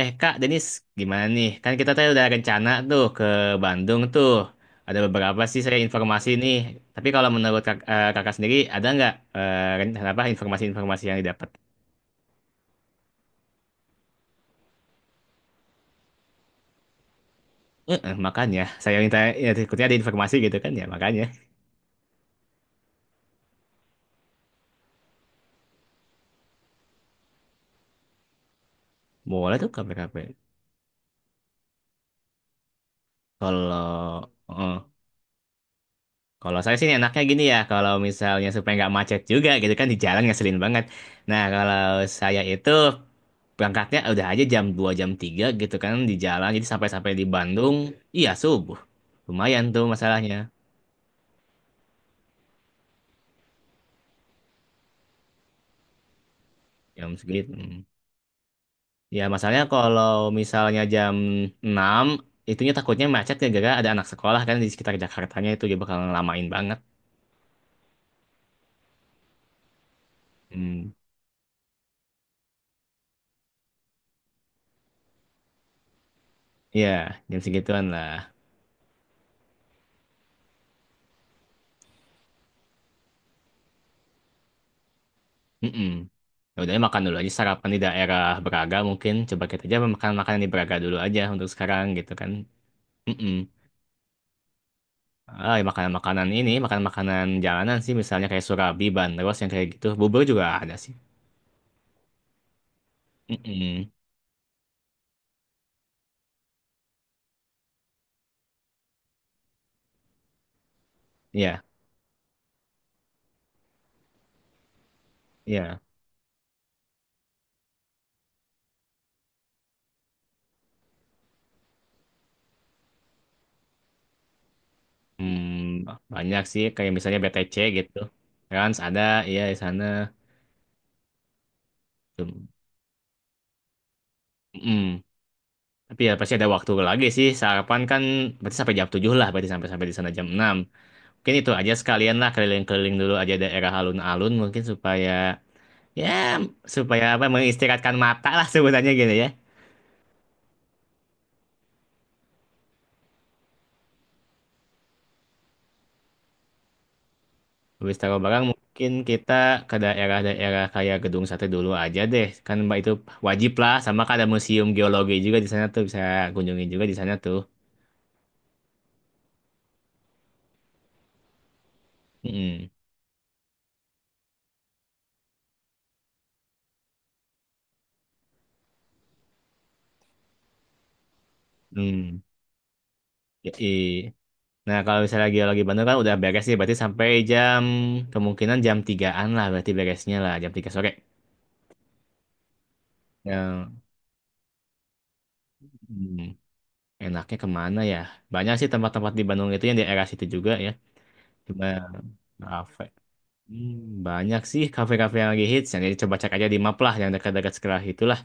Kak Denis, gimana nih? Kan kita tadi udah rencana tuh ke Bandung tuh. Ada beberapa sih saya informasi nih. Tapi kalau menurut kakak sendiri, ada nggak rencana apa informasi-informasi yang didapat? Makanya saya minta ya, ikutnya ada informasi gitu kan ya makanya. Boleh tuh KPKP. Kalau oh, Kalau saya sih enaknya gini ya, kalau misalnya supaya nggak macet juga gitu kan di jalan ngeselin banget. Nah, kalau saya itu berangkatnya udah aja jam 2 jam 3, gitu kan di jalan jadi sampai-sampai di Bandung iya subuh. Lumayan tuh masalahnya jam segitu. Hmm. Ya masalahnya kalau misalnya jam 6, itunya takutnya macet gara-gara ada anak sekolah kan di sekitar Jakartanya itu dia bakal ngelamain banget. Hmm. Ya, jam segituan lah. Mm-mm. Ya udah makan dulu aja sarapan di daerah Braga mungkin coba kita aja makan-makanan di Braga dulu aja untuk sekarang gitu kan. Mm-mm. Ah, ya makanan-makanan ini, makan-makanan jalanan sih misalnya kayak Surabi, Bandros yang kayak gitu. Bubur juga ada sih. Mm-mm. Iya, iya. Hmm, banyak sih kayak misalnya BTC gitu. Trans ada, iya di sana. mm Tapi ya pasti ada waktu lagi sih. Sarapan kan berarti sampai jam 7 lah, berarti sampai sampai di sana jam 6. Mungkin itu aja sekalian lah keliling-keliling dulu aja daerah alun-alun mungkin supaya ya supaya apa mengistirahatkan mata lah sebutannya gitu ya. Habis taruh barang mungkin kita ke daerah-daerah kayak Gedung Sate dulu aja deh. Kan Mbak itu wajib lah sama kan ada museum geologi juga di sana tuh bisa kunjungi juga di sana tuh. Mm-mm. Hmm. Yoi. Nah, kalau misalnya geologi Bandung kan udah beres sih, berarti sampai jam kemungkinan jam tigaan lah berarti beresnya lah jam 3 sore. Ya. Hmm. Enaknya kemana ya? Banyak sih tempat-tempat di Bandung itu yang di daerah situ juga ya. Cuma kafe. Banyak sih kafe-kafe yang lagi hits. Yang coba cek aja di map lah, yang dekat-dekat sekolah itulah.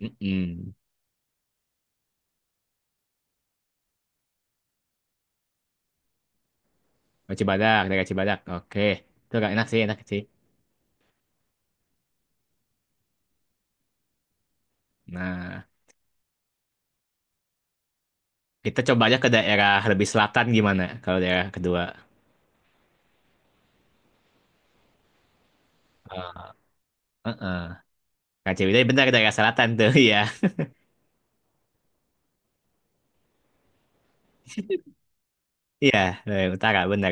Mm-mm. Oh, Cibadak, daerah Cibadak. Oke, itu agak enak sih, enak sih. Nah, kita coba aja ke daerah lebih selatan gimana? Kalau daerah kedua, heeh. Kak Ciwidey benar daerah selatan tuh, iya, iya, daerah utara benar.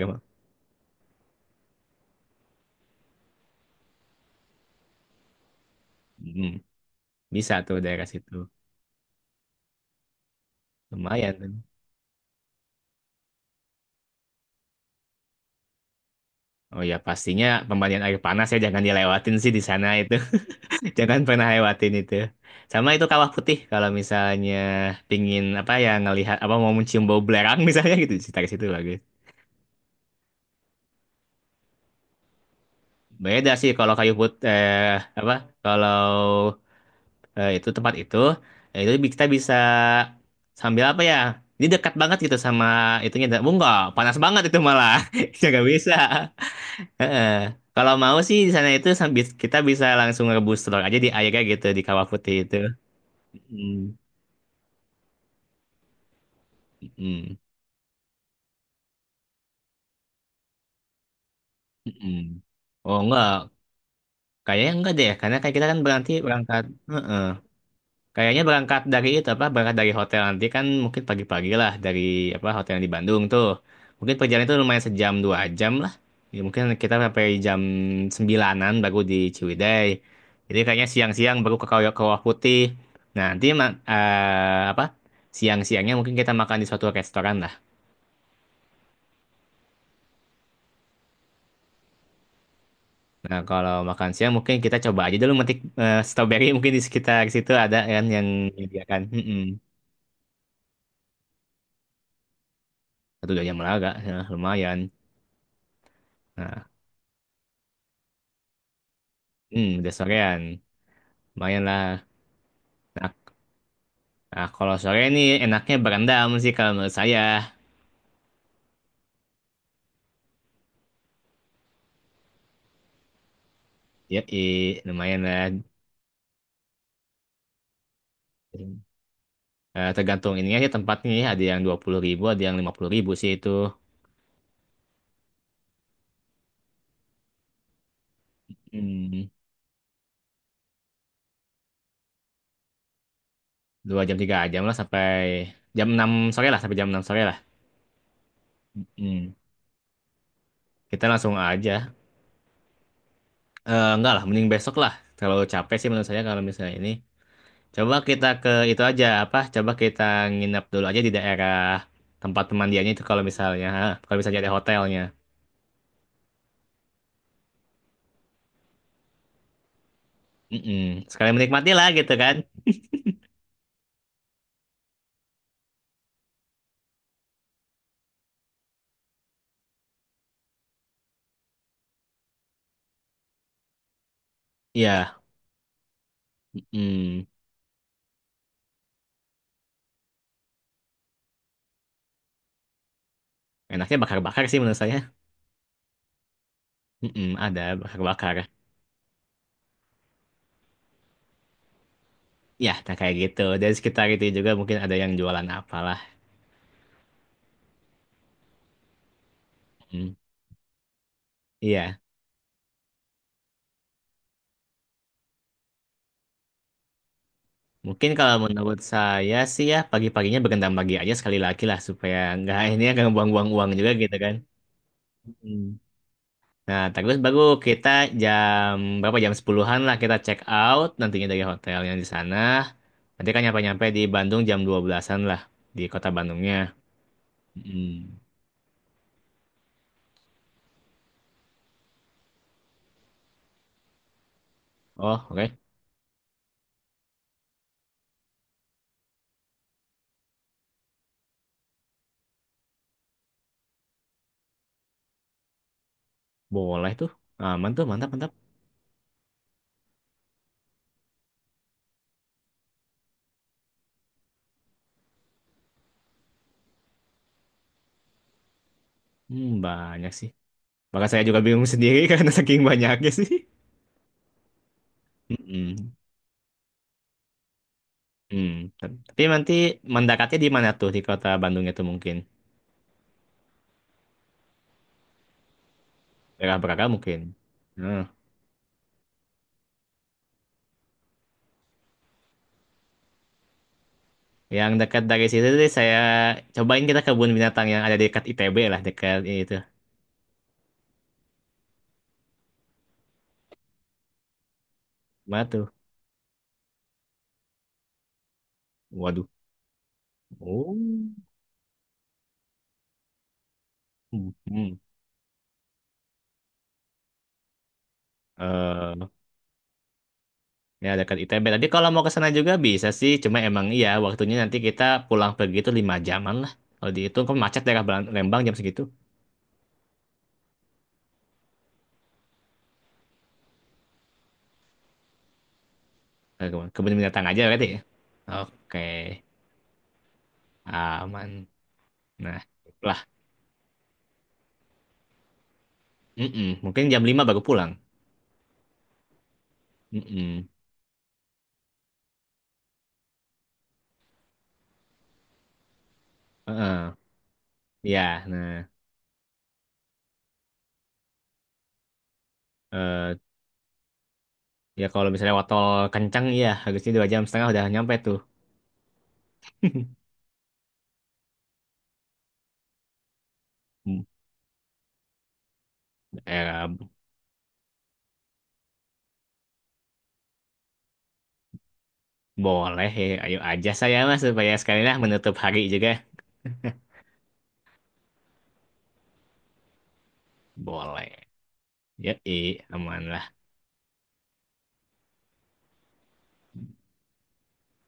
Mm, bisa tuh daerah situ, lumayan. Oh ya pastinya pemandian air panas ya jangan dilewatin sih di sana itu. Jangan pernah lewatin itu. Sama itu kawah putih kalau misalnya pingin apa ya ngelihat apa mau mencium bau belerang misalnya gitu di sekitar situ bagus. Beda sih kalau kayu put eh apa kalau eh, itu tempat itu, kita bisa sambil apa ya? Ini dekat banget gitu sama itunya. Enggak, panas banget itu malah. nggak bisa. Heeh. Kalau mau sih di sana itu sambil kita bisa langsung rebus telur aja di airnya gitu di kawah putih itu. Mm, mm. Mm-mm. Oh enggak, kayaknya enggak deh, karena kayak kita kan berarti berangkat. Heeh. Kayaknya berangkat dari itu apa, berangkat dari hotel nanti kan mungkin pagi-pagi lah dari apa hotel yang di Bandung tuh, mungkin perjalanan itu lumayan sejam dua jam lah, ya, mungkin kita sampai jam sembilanan baru di Ciwidey, jadi kayaknya siang-siang baru ke Kawah Kawah Putih, nah nanti apa siang-siangnya mungkin kita makan di suatu restoran. Nah, kalau makan siang mungkin kita coba aja dulu metik strawberry mungkin di sekitar situ ada kan yang menyediakan. Mm-mm. Satu dua jam agak, lumayan. Nah, udah sorean. Lumayan lah. Nah, nah, kalau sore ini enaknya berendam sih kalau menurut saya. Ya, lumayan lah. Eh, tergantung ininya aja tempatnya ya. Ada yang 20.000, ada yang 50.000 sih itu. Hmm, dua jam tiga jam lah sampai jam 6 sore lah. mm Kita langsung aja. Eh, enggak lah, mending besok lah. Terlalu capek sih menurut saya kalau misalnya ini. Coba kita ke itu aja apa? Coba kita nginep dulu aja di daerah tempat pemandiannya itu kalau misalnya ada hotelnya. Mm-mm. Sekali menikmati lah gitu kan? Iya. Mm. Enaknya bakar-bakar sih menurut saya. Mm-mm, ada bakar-bakar. Ya, nah kayak gitu. Dari sekitar itu juga mungkin ada yang jualan apalah. Mm. Iya. Mungkin kalau menurut saya sih ya pagi-paginya berendam pagi aja sekali lagi lah supaya nggak ini ya nggak buang-buang uang juga gitu kan. Hmm. Nah, terus baru kita jam jam sepuluhan lah kita check out nantinya dari hotel yang di sana. Nanti kan nyampe-nyampe di Bandung jam 12-an lah di kota Bandungnya. Hmm. Oh, oke. Boleh tuh. Aman tuh, mantap, mantap. Hmm, banyak sih. Maka saya juga bingung sendiri karena saking banyaknya sih. Hmm. Hmm. Tapi nanti mendekatnya di mana tuh di kota Bandungnya tuh mungkin? Daerah Braga mungkin. Hmm. Yang dekat dari situ deh saya cobain kita kebun binatang yang ada dekat ITB lah, dekat itu. Mana tuh? Waduh. Oh. Hmm. Hmm. Eh, ya dekat ITB. Tadi kalau mau ke sana juga bisa sih, cuma emang iya waktunya nanti kita pulang pergi itu lima jaman lah. Kalau dihitung kan macet daerah Lembang jam segitu. Eh, kebun kebun binatang aja berarti ya. Oke, aman. Nah, lah, mm-mm. Mungkin jam 5 baru pulang. Mm-mm. Heeh. Ya, nah, eh, ya kalau misalnya waktu kencang ya harusnya dua jam setengah udah nyampe tuh. Hmm, Eh, boleh ya, ayo aja saya mas supaya sekali lah menutup hari juga. Boleh. Yoi, aman lah.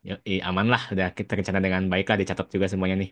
Yoi, aman lah. Udah kita rencana dengan baik lah dicatat juga semuanya nih.